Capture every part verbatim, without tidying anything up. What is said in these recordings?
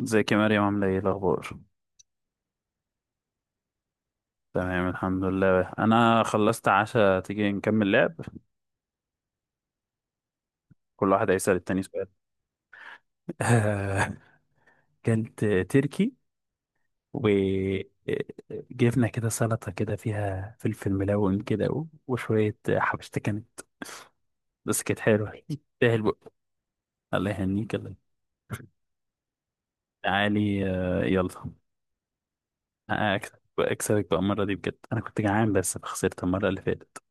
ازيك يا مريم عاملة ايه إيه الأخبار؟ تمام، الحمد لله، أنا خلصت عشاء، تيجي نكمل لعب. كل واحد هيسأل التاني سؤال. كانت تركي، وجبنا كده سلطة كده فيها فلفل ملون كده و- وشوية حبشتة كانت، بس كانت حلوة تستاهل بقى. الله يهنيك الله. تعالي آه، يلا. أكسب أكسبك بقى المرة دي بجد، أنا كنت جعان بس خسرت المرة اللي فاتت.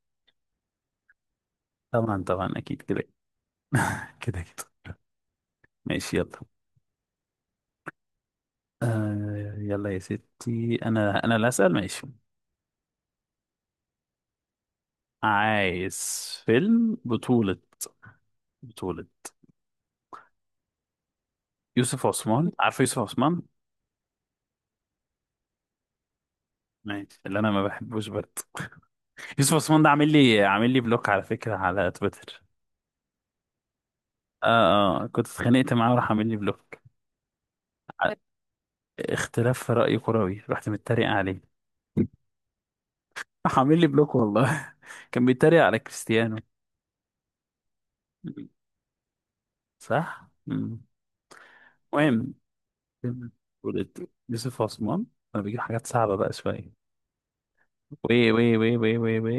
طبعا طبعا أكيد كده. كده كده. ماشي يلا. آه يلا يا ستي، انا انا اللي هسأل، ماشي. عايز فيلم بطولة، بطولة يوسف عثمان، عارف يوسف عثمان؟ ماشي، اللي انا ما بحبوش برضه. يوسف عثمان ده عامل لي عامل لي بلوك على فكرة، على تويتر. اه اه كنت اتخانقت معاه وراح عامل لي بلوك. ع- اختلاف في رأي كروي، رحت متريق عليه، راح عامل لي بلوك والله. كان بيتريق على كريستيانو. صح. مم. مهم، فيلم بطولة يوسف عثمان. انا بجيب حاجات صعبة بقى شوية. وي وي وي وي وي وي،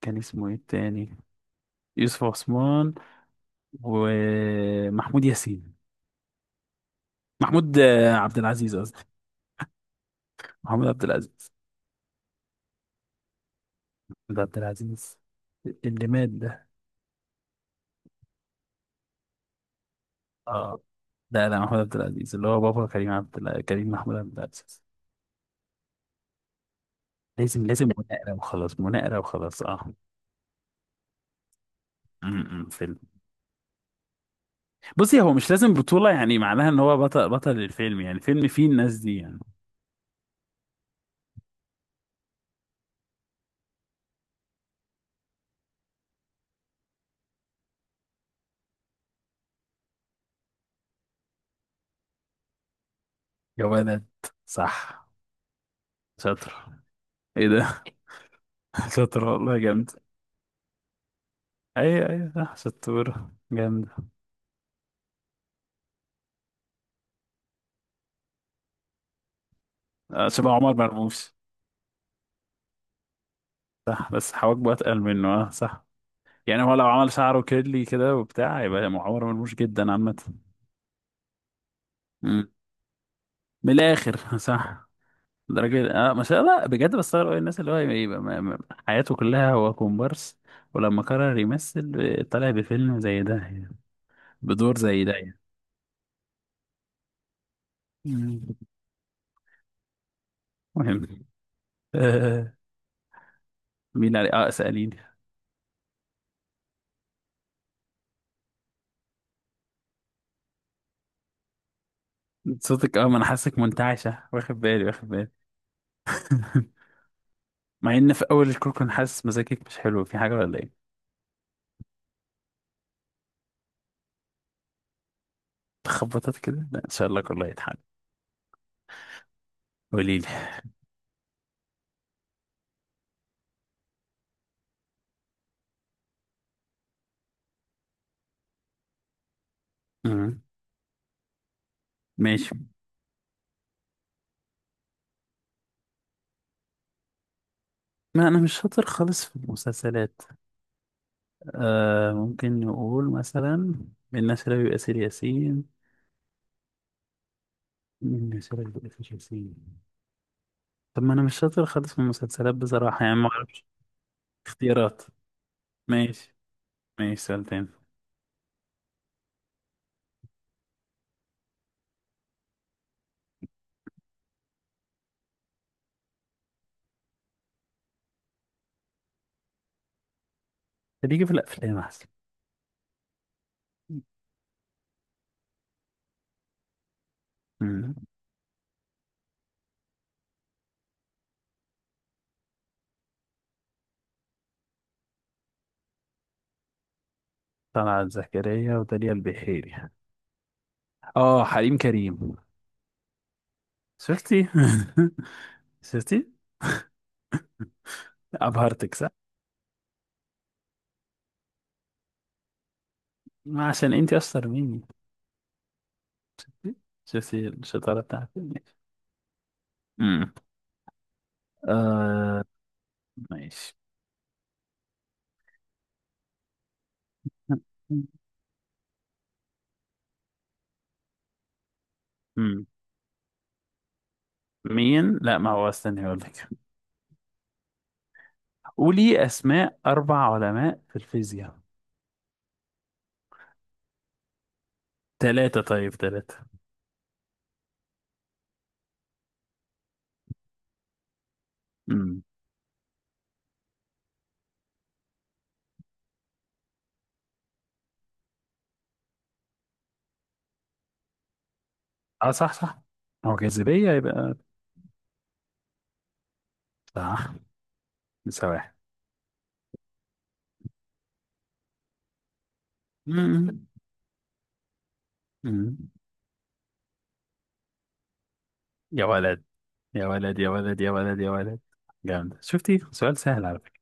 كان اسمه ايه التاني؟ يوسف عثمان ومحمود ياسين. محمود آه، عبد العزيز قصدي، محمود عبد العزيز. محمود عبد العزيز اللي مات ده. اه لا لا، محمود عبد العزيز اللي هو بابا كريم، عبد الع... كريم محمود عبد العزيز. لازم لازم مناقرة وخلاص، مناقرة وخلاص، اه. امم، فيلم. بصي هو مش لازم بطولة يعني معناها ان هو بطل، بطل الفيلم، يعني الفيلم فيه الناس دي يعني. جوانات، صح. شاطر، ايه ده؟ شاطر والله جامد. اي اي صح، شطورة جامد. آه، شبه عمر مرموش. صح بس حواجبه اتقل منه، اه صح. يعني هو لو عمل شعره كيرلي كده وبتاع يبقى عمر مرموش جدا عامة. مم. من الاخر صح. درجة اه ما شاء الله بجد، بستغرب أوي الناس اللي هو يبقى ما- ما- حياته كلها هو كومبارس، ولما قرر يمثل آه، طلع بفيلم زي ده يعني. بدور زي ده يعني. مم. مهم. آه. مين اللي عليه، اه اسأليني. صوتك اه، ما انا حاسك منتعشة، واخد بالي واخد بالي. مع ان في اول الكور كنت حاسس مزاجك مش حلو، في حاجة ولا ايه؟ تخبطت كده، لا ان شاء الله كله هيتحل. قولي لي. مم. ماشي. ما انا مش شاطر خالص في المسلسلات. آه ممكن نقول مثلا من ناس لا يؤثر ياسين، من ناس لا يؤثر ياسين. طب ما انا مش شاطر خالص في المسلسلات بصراحة يعني، ما اعرفش اختيارات. ماشي، ماشي سؤال تاني. اللي يجي في الافلام احسن. مم. طلعت زكريا وداليا البحيري، اه حريم كريم. شفتي؟ شفتي، ابهرتك صح. ما عشان انت اشطر مني. شفتي الشطاره بتاعتي، ماشي. امم، آه. ماشي، امم. مين لا ما هو استني اقول لك. قولي اسماء اربع علماء في الفيزياء. ثلاثه طيب ثلاثه. امم. اه صح صح. هو جاذبيه يبقى. صح، لسه واحد. امم. أمم. يا ولد يا ولد يا ولد يا ولد يا ولد، جامد. شفتي سؤال سهل على فكرة.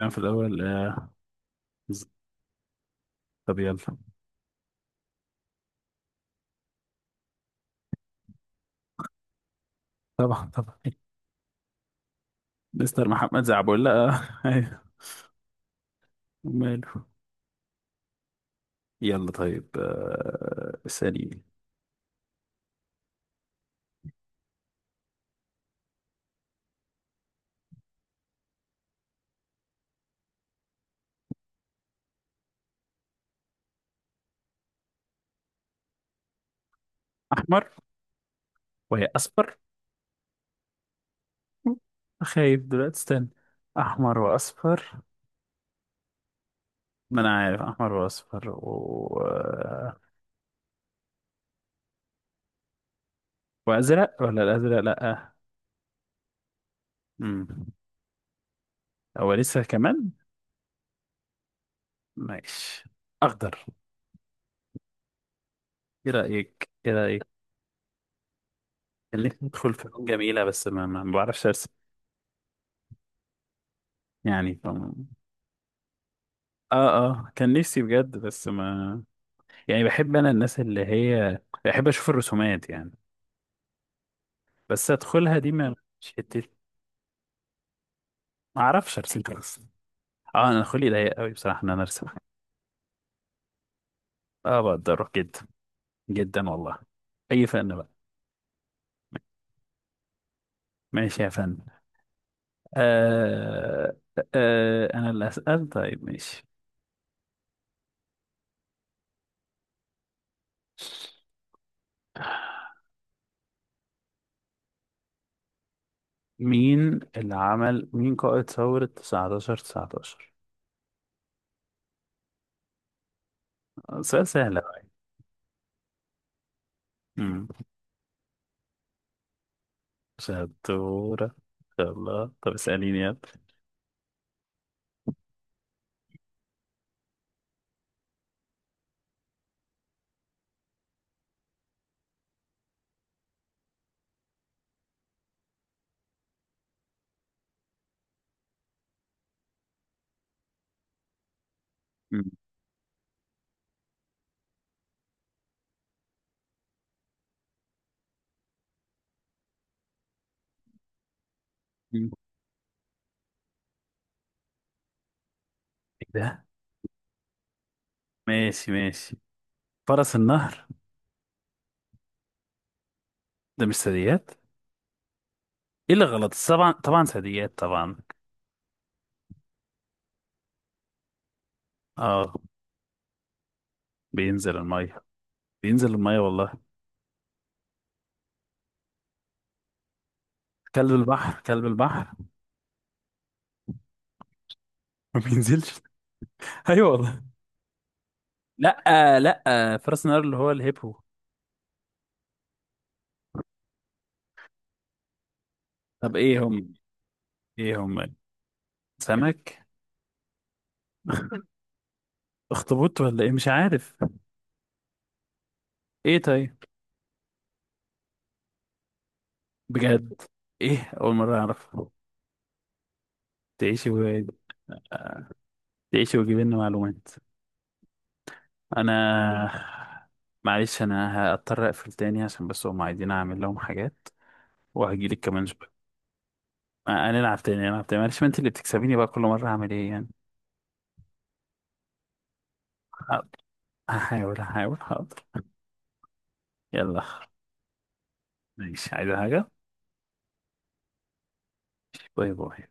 كان في الأول آه. طب يلا. طبعا طبعا. مستر محمد زعبولة، أيوه وماله. يلا طيب آه، ثاني. أحمر، وهي أصفر. خايف دلوقتي استنى. أحمر وأصفر. ما أنا عارف أحمر وأصفر و... وأزرق، ولا الأزرق لأ آه. مم. هو لسه كمان. ماشي، أخضر. إيه رأيك إيه رأيك. اللي ندخل فنون جميلة، بس ما ما ما بعرفش أرسم، يعني فم- اه اه كان نفسي بجد بس ما، يعني بحب انا الناس اللي هي، بحب اشوف الرسومات يعني، بس ادخلها دي ما، مش حتتي، ما اعرفش ارسم اصلا. اه انا خلقي ضيق قوي بصراحه ان انا ارسم. اه بقدره جدا، جدا والله، اي فن بقى. ماشي يا فن. آه. آه انا اللي اسال، طيب ماشي. مين اللي عمل، مين قائد ثورة تسعتاشر 19 سؤال سهل أوي. امم، شطورة ان شاء الله. طب اسأليني يلا. مم. إيه ده؟ ماشي، ماشي. فرس النهر. ده مش ثدييات؟ ايه اللي غلط، طبعا طبعا ثدييات طبعا. اه، بينزل الميه، بينزل الميه والله. كلب البحر، كلب البحر. ما بينزلش. ايوه والله. لا لا، فرس النهر اللي هو الهيبو. طب ايه هم، ايه هم؟ سمك، اخطبوط ولا ايه، مش عارف. ايه طيب؟ بجد؟ ايه، اول مره اعرف. تعيشي و... تعيشي وتجيبي لنا معلومات. انا معلش انا هضطر اقفل تاني، عشان بس هم عايزين اعمل لهم حاجات، وهجيلك كمان شويه. آه، هنلعب تاني، هنلعب تاني معلش، ما انت اللي بتكسبيني بقى، كل مره هعمل ايه يعني. حاضر، هحاول هحاول حاضر. يلا. ماشي، عايزة حاجه؟ باي باي.